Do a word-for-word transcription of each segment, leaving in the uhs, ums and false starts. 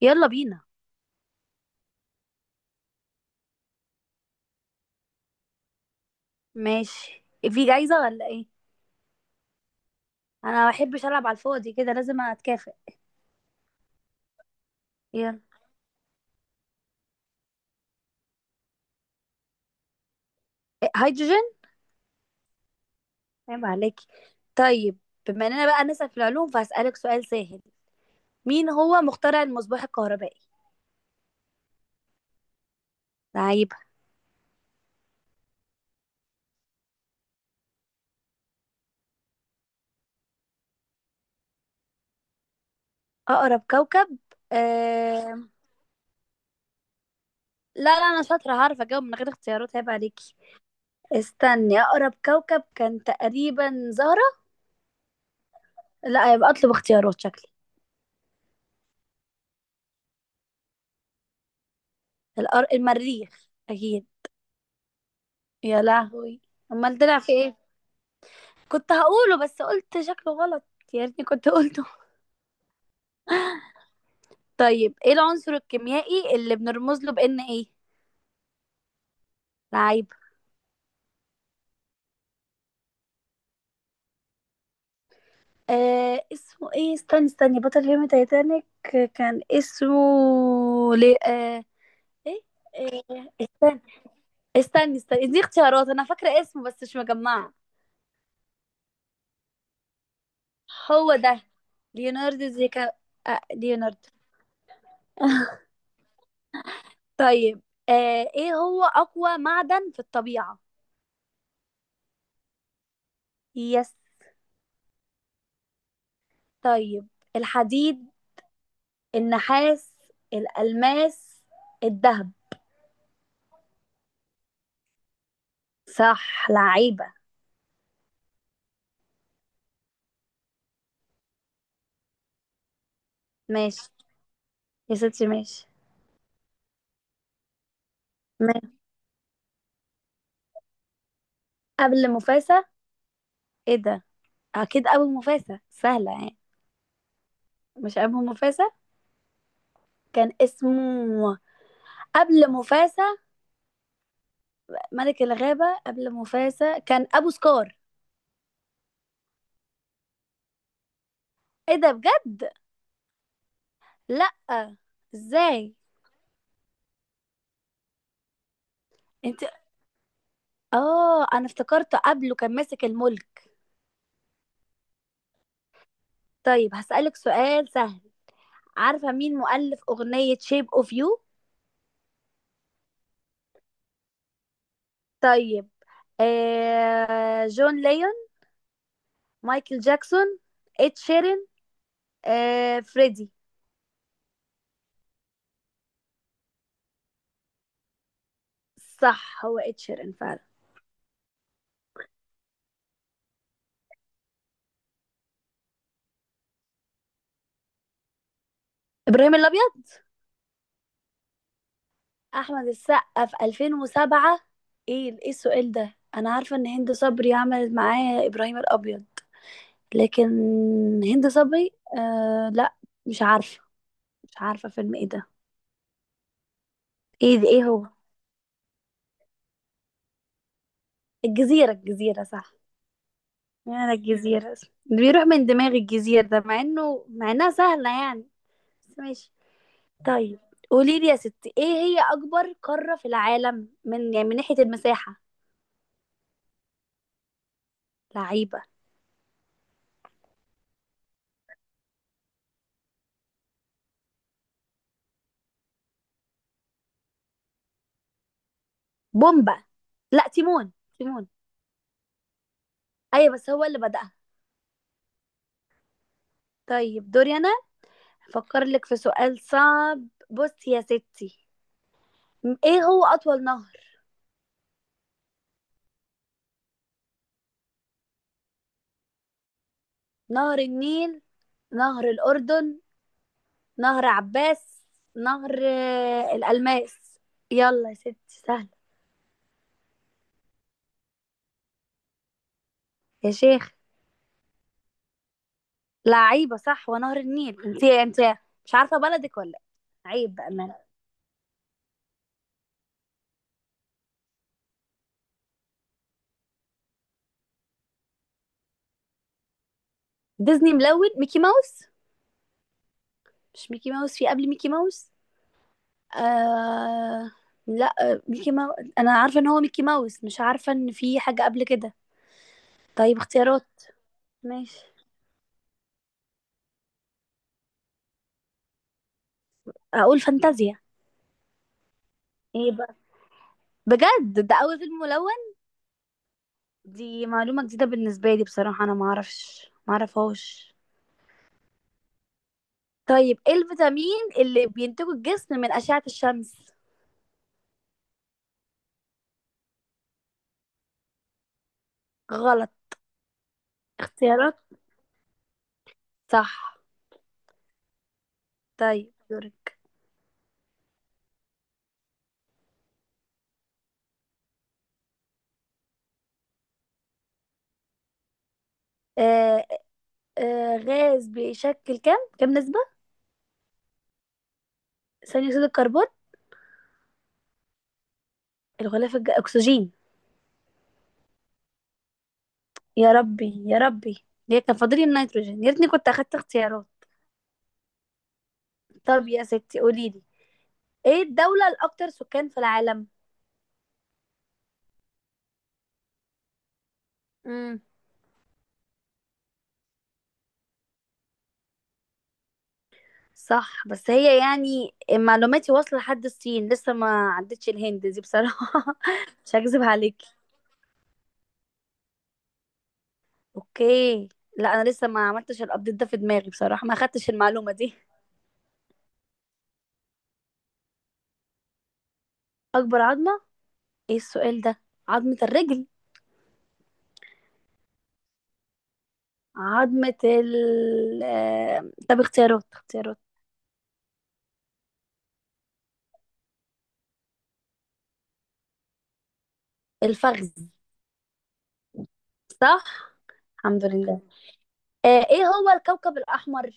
يلا بينا. ماشي. في جايزة ولا ايه؟ انا ما بحبش العب على الفاضي كده، لازم اتكافئ. يلا. إيه، هيدروجين. عيب عليكي. طيب، بما اننا بقى نسأل في العلوم فهسألك سؤال سهل: مين هو مخترع المصباح الكهربائي؟ لعيبة. اقرب كوكب. آه... لا لا انا شاطرة، هعرف اجاوب من غير اختيارات، عيب عليكي. استني، اقرب كوكب كان تقريبا زهرة. لا، يبقى اطلب اختيارات شكلي. الأر... المريخ اكيد. يا لهوي، امال طلع في ايه؟ كنت هقوله بس قلت شكله غلط، يا ريتني كنت قلته. طيب، ايه العنصر الكيميائي اللي بنرمز له بان ايه؟ لعيب. آه اسمه ايه، استني استني بطل فيلم تايتانيك كان اسمه لي... آه ايه آه استني استني استني دي اختيارات، انا فاكره اسمه بس مش مجمعه. هو ده، ليوناردو زيكا. آه ليوناردو. طيب، آه ايه هو اقوى معدن في الطبيعه؟ يس. طيب: الحديد، النحاس، الألماس، الذهب. صح لعيبة. ماشي يا ستي ماشي. ماشي. قبل مفاسة؟ ايه ده، اكيد ابو مفاسة، سهلة يعني. مش ابو مفاسة؟ كان اسمه قبل مفاسة ملك الغابة قبل مفاسة كان ابو سكار. ايه ده بجد؟ لا، ازاي؟ انت، اه انا افتكرته قبله كان ماسك الملك. طيب هسألك سؤال سهل: عارفة مين مؤلف أغنية شيب اوف يو؟ طيب، آه جون ليون، مايكل جاكسون، إد شيرين، آه فريدي. صح هو إد شيرين فعلا. إبراهيم الأبيض. أحمد السقا في ألفين وسبعة؟ إيه إيه، السؤال ده أنا عارفة إن هند صبري عملت معاه إبراهيم الأبيض، لكن هند صبري آه لا، مش عارفة، مش عارفة فيلم إيه ده. إيه ده، إيه هو؟ الجزيرة، الجزيرة صح. يعني الجزيرة اللي بيروح من دماغي، الجزيرة ده مع إنه مع إنها سهلة يعني، بس ماشي. طيب قولي لي يا ستي، ايه هي اكبر قارة في العالم من يعني من ناحية المساحة؟ لعيبة. بومبا، لا تيمون. تيمون، ايوه بس هو اللي بدأها. طيب دوري انا، افكر لك في سؤال صعب، بصي يا ستي، م- ايه هو اطول نهر؟ نهر النيل، نهر الاردن، نهر عباس، نهر آه، الالماس. يلا يا ستي سهلة. يا شيخ، لعيبة صح ونهر النيل، انت انت مش عارفة بلدك ولا؟ إيه؟ عيب بقى. ديزني ملون، ميكي ماوس. مش ميكي ماوس، في قبل ميكي ماوس؟ آه... لا آه، ميكي ماوس انا عارفه ان هو ميكي ماوس، مش عارفه ان في حاجه قبل كده. طيب اختيارات، ماشي. اقول فانتازيا. ايه بقى، بجد ده اول فيلم ملون؟ دي معلومه جديده بالنسبه لي بصراحه، انا ما اعرفش ما اعرفهاش. طيب ايه الفيتامين اللي بينتجه الجسم من اشعه الشمس؟ غلط. اختيارات. صح. طيب دورك. آه، آه غاز بيشكل كام كام نسبة؟ ثاني أكسيد الكربون. الغلاف الج... أكسجين. يا ربي يا ربي، ليه كان فاضلي النيتروجين، يا ريتني كنت أخدت اختيارات. طب يا ستي قولي لي، إيه الدولة الأكثر سكان في العالم؟ امم. صح، بس هي يعني معلوماتي واصلة لحد الصين لسه، ما عدتش الهند دي بصراحة. مش هكذب عليك. اوكي، لا انا لسه ما عملتش الابديت ده في دماغي بصراحة، ما خدتش المعلومة دي. اكبر عظمة. ايه السؤال ده؟ عظمة الرجل. عظمة ال آه، طب اختيارات اختيارات. الفخذ. صح. الحمد لله. آه، ايه هو الكوكب الأحمر؟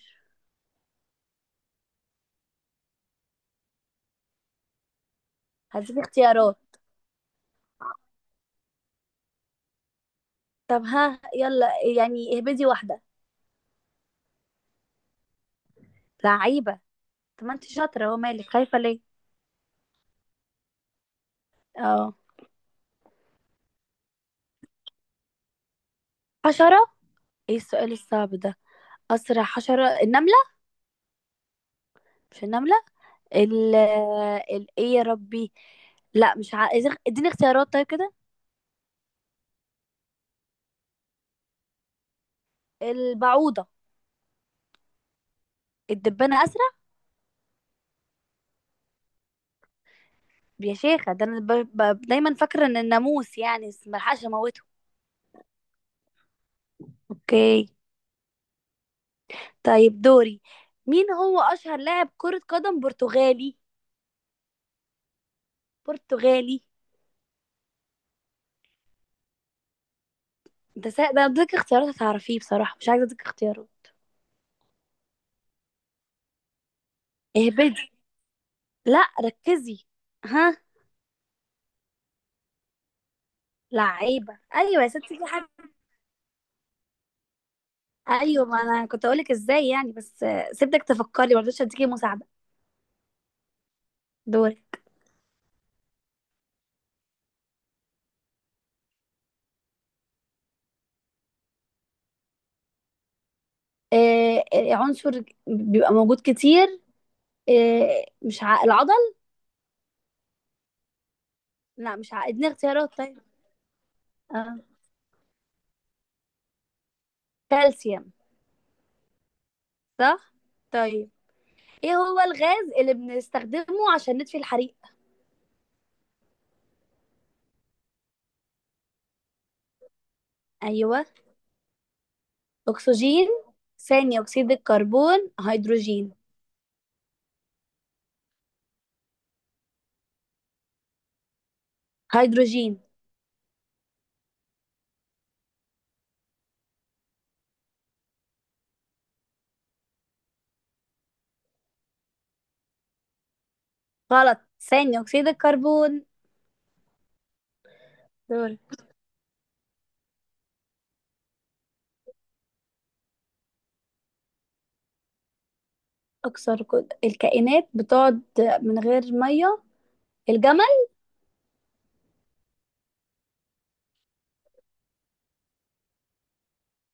هديك اختيارات. طب ها يلا، يعني اهبدي واحدة. لعيبة. طب ما انت شاطرة، هو مالك خايفة ليه؟ اه، حشرة. ايه السؤال الصعب ده؟ أسرع حشرة، النملة. مش النملة؟ ال ال ايه يا ربي؟ لا مش ع... اديني اختيارات طيب كده. البعوضة. الدبانة أسرع. يا شيخة، ده أنا ب... ب... دايما فاكرة إن الناموس يعني، بس ملحقش أموته. أوكي. طيب دوري، مين هو أشهر لاعب كرة قدم برتغالي؟ برتغالي. انت سا... ده اديك اختيارات هتعرفيه، بصراحة مش عايزة اديك اختيارات. اهبدي. لا ركزي، ها. لعيبة ايوه يا ستي، في حاجة. ايوه، ما انا كنت اقولك ازاي يعني، بس آه، سيبتك تفكري ما رضيتش اديكي مساعدة. دوري. آه، آه، عنصر بيبقى موجود كتير. آه مش ع... العضل. لا مش ع... اديني اختيارات طيب. آه. كالسيوم. صح. طيب ايه هو الغاز اللي بنستخدمه عشان نطفي الحريق؟ ايوه، اكسجين، ثاني اكسيد الكربون، هيدروجين. هيدروجين؟ غلط. ثاني اكسيد الكربون. دول. اكثر كو- الكائنات بتقعد من غير ميه. الجمل.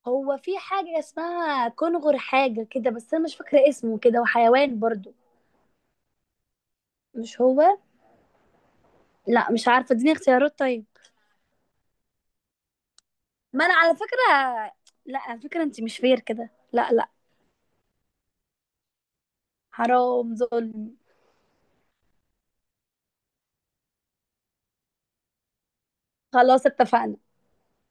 هو في حاجه اسمها كنغر، حاجه كده بس انا مش فاكره اسمه كده، وحيوان برضو. مش هو؟ لا مش عارفه، اديني اختيارات طيب. ما انا على فكره، لا على فكره انت مش فير كده، لا لا. حرام ظلم. خلاص اتفقنا.